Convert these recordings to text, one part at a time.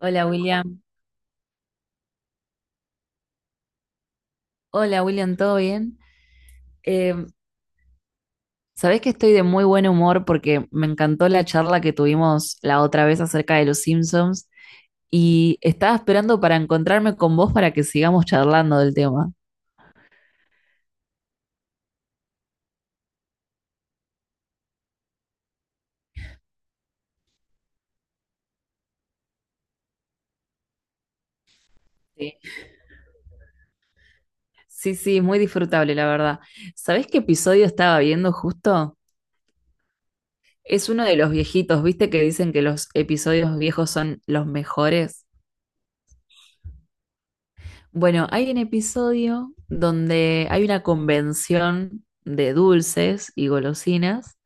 Hola William, hola William, ¿todo bien? Eh, Sabés que estoy de muy buen humor porque me encantó la charla que tuvimos la otra vez acerca de los Simpsons y estaba esperando para encontrarme con vos para que sigamos charlando del tema. Sí, sí, sí, muy disfrutable, la verdad. ¿Sabés qué episodio estaba viendo justo? Es uno de los viejitos, ¿viste que dicen que los episodios viejos son los mejores? Bueno, hay un episodio donde hay una convención de dulces y golosinas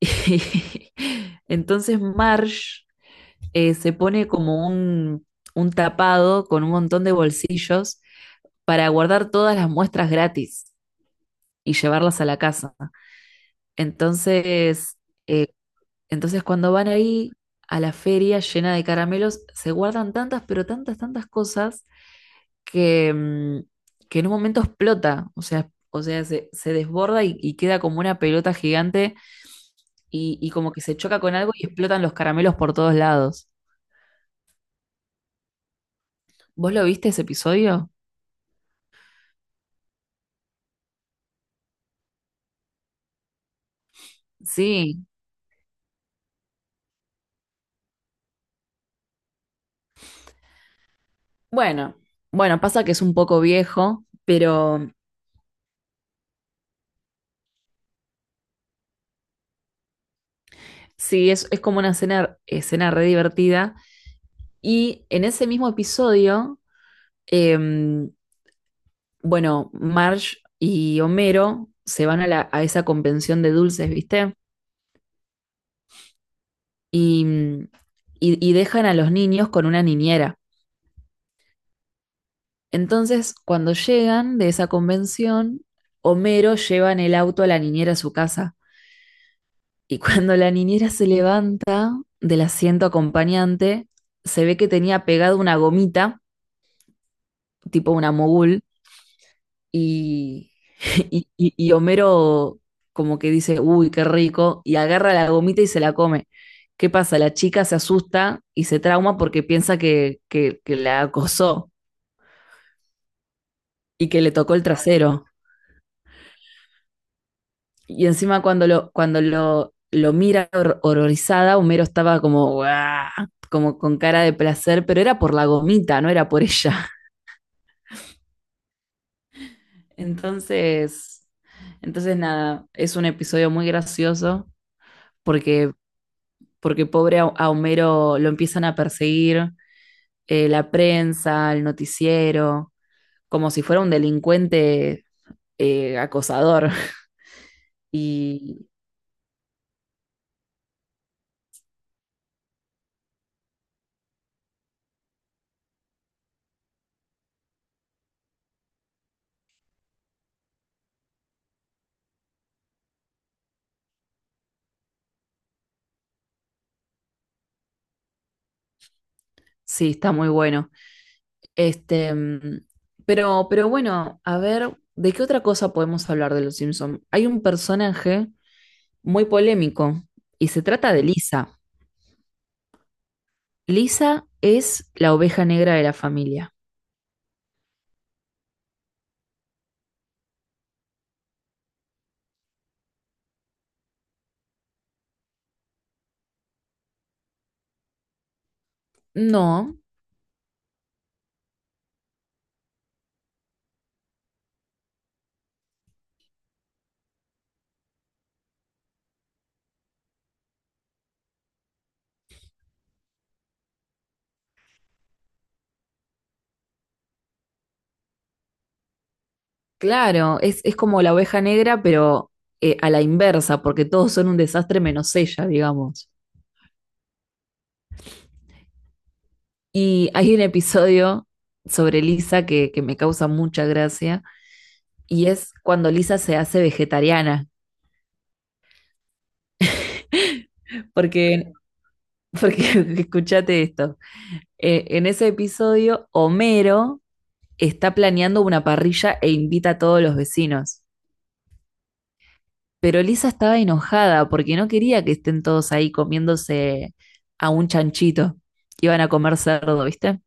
y entonces Marge se pone como un tapado con un montón de bolsillos para guardar todas las muestras gratis y llevarlas a la casa. Entonces, eh, entonces cuando van ahí a la feria llena de caramelos, se guardan tantas, pero tantas, tantas cosas que, mm, que en un momento explota, o sea, se desborda y queda como una pelota gigante y como que se choca con algo y explotan los caramelos por todos lados. ¿Vos lo viste ese episodio? Sí. Bueno, bueno, pasa que es un poco viejo, pero sí, es como una escena re divertida. Y en ese mismo episodio, em, bueno, Marge y Homero se van a esa convención de dulces, ¿viste? y, mm, y dejan a los niños con una niñera. Entonces, cuando llegan de esa convención, Homero lleva en el auto a la niñera a su casa. Y cuando la niñera se levanta del asiento acompañante, se ve que tenía pegado una gomita, tipo una mogul, y, y Homero como que dice, uy, qué rico, y agarra la gomita y se la come. ¿Qué pasa? La chica se asusta y se trauma porque piensa que la acosó, y que le tocó el trasero. Y encima cuando lo mira horrorizada, Homero estaba como, "Guau", como con cara de placer, pero era por la gomita, no era por ella. Entonces, entonces nada, es un episodio muy gracioso porque, porque pobre a Homero lo empiezan a perseguir la prensa, el noticiero, como si fuera un delincuente acosador. Y sí, está muy bueno. Este, mm, pero bueno, a ver, ¿de qué otra cosa podemos hablar de los Simpson? Hay un personaje muy polémico y se trata de Lisa. Lisa es la oveja negra de la familia. No, claro, es como la oveja negra, pero a la inversa, porque todos son un desastre menos ella, digamos. Y hay un episodio sobre Lisa que me causa mucha gracia y es cuando Lisa se hace vegetariana. Porque Porque escúchate esto. En ese episodio, Homero está planeando una parrilla e invita a todos los vecinos. Pero Lisa estaba enojada porque no quería que estén todos ahí comiéndose a un chanchito. Iban a comer cerdo, ¿viste?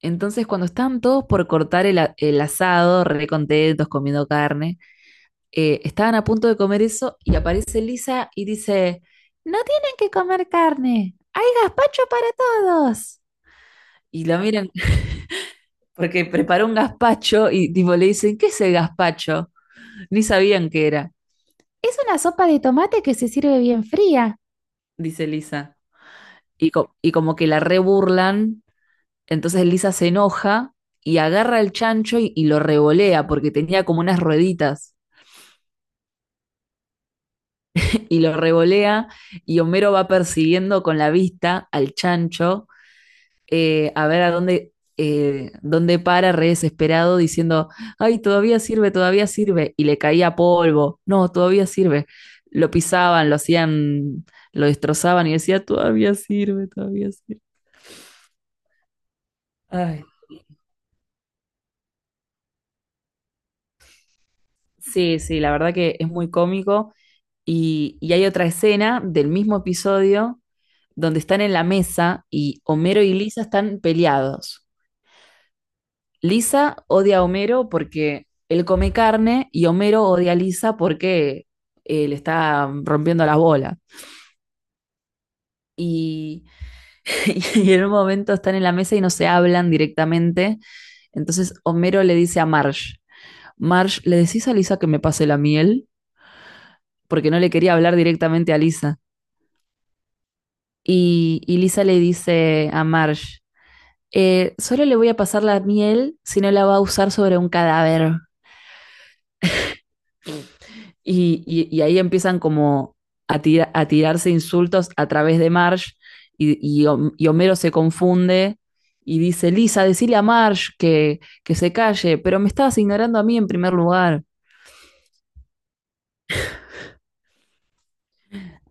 Entonces, cuando estaban todos por cortar el asado, re contentos, comiendo carne, estaban a punto de comer eso y aparece Lisa y dice, no tienen que comer carne, hay gazpacho para todos. Y lo miran porque preparó un gazpacho y tipo le dicen, ¿qué es el gazpacho? Ni sabían qué era. Es una sopa de tomate que se sirve bien fría, dice Lisa. Y, y como que la reburlan, entonces Lisa se enoja y agarra el chancho y lo revolea, porque tenía como unas rueditas, y lo revolea y Homero va persiguiendo con la vista al chancho a ver a dónde, dónde para, re desesperado, diciendo, ay, todavía sirve, y le caía polvo, no, todavía sirve. Lo pisaban, lo hacían, lo destrozaban y decía, todavía sirve, todavía sirve. Ay, sí, sí, la verdad que es muy cómico. Y hay otra escena del mismo episodio donde están en la mesa y Homero y Lisa están peleados. Lisa odia a Homero porque él come carne y Homero odia a Lisa porque le está rompiendo las bolas. Y, y en un momento están en la mesa y no se hablan directamente. Entonces Homero le dice a Marge, Marge, ¿le decís a Lisa que me pase la miel? Porque no le quería hablar directamente a Lisa. Y Lisa le dice a Marge, solo le voy a pasar la miel si no la va a usar sobre un cadáver. Y ahí empiezan como a tirarse insultos a través de Marge y, y y Homero se confunde y dice, Lisa, decile a Marge que se calle, pero me estabas ignorando a mí en primer lugar.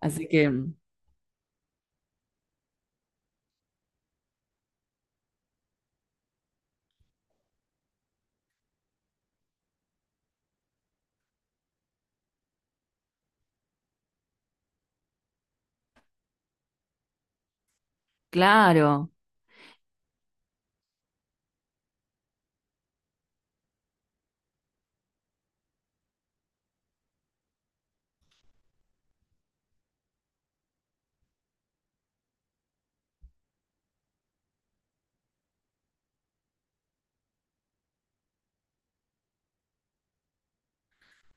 Así que, claro,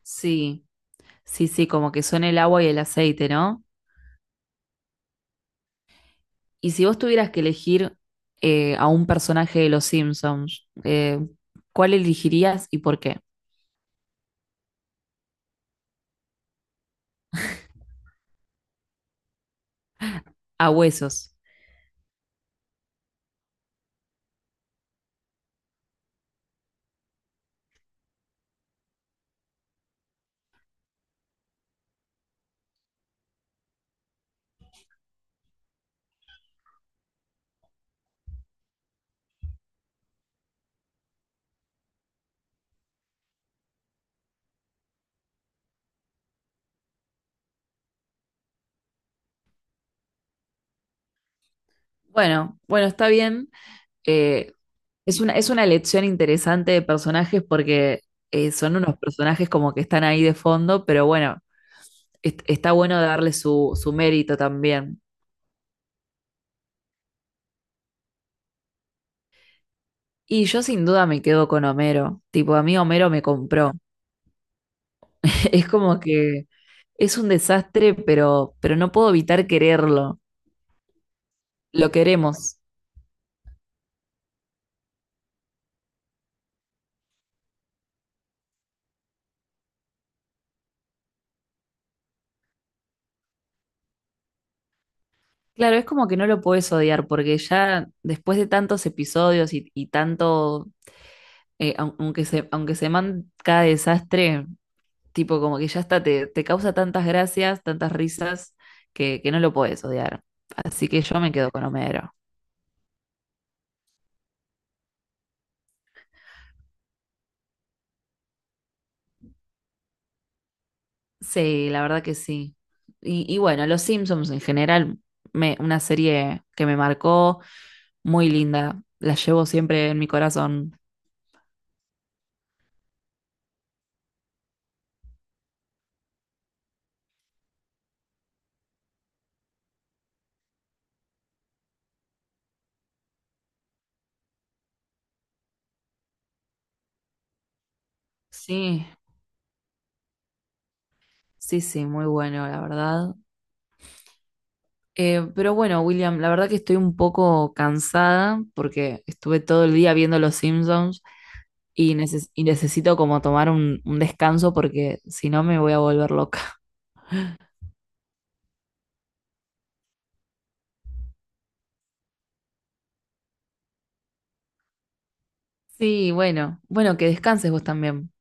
sí, sí, sí, como que son el agua y el aceite, ¿no? Y si vos tuvieras que elegir a un personaje de Los Simpsons, ¿cuál elegirías y por qué? A huesos. Bueno, bueno, está bien. Eh, es una elección interesante de personajes porque son unos personajes como que están ahí de fondo, pero bueno, está bueno darle su, su mérito también. Y yo sin duda me quedo con Homero. Tipo, a mí Homero me compró. Es como que es un desastre, pero no puedo evitar quererlo. Lo queremos. Claro, es como que no lo puedes odiar porque ya después de tantos episodios y tanto, aunque aunque se manda cada desastre, tipo, como que ya está, te causa tantas gracias, tantas risas, que no lo puedes odiar. Así que yo me quedo con Homero. Sí, la verdad que sí. Y bueno, Los Simpsons en general, me, una serie que me marcó, muy linda. La llevo siempre en mi corazón. Sí, sí, sí, muy bueno, la verdad. Pero bueno, William, la verdad que estoy un poco cansada porque estuve todo el día viendo Los Simpsons, y, y necesito como tomar un descanso porque si no me voy a volver loca. Sí, bueno, bueno, que descanses vos también.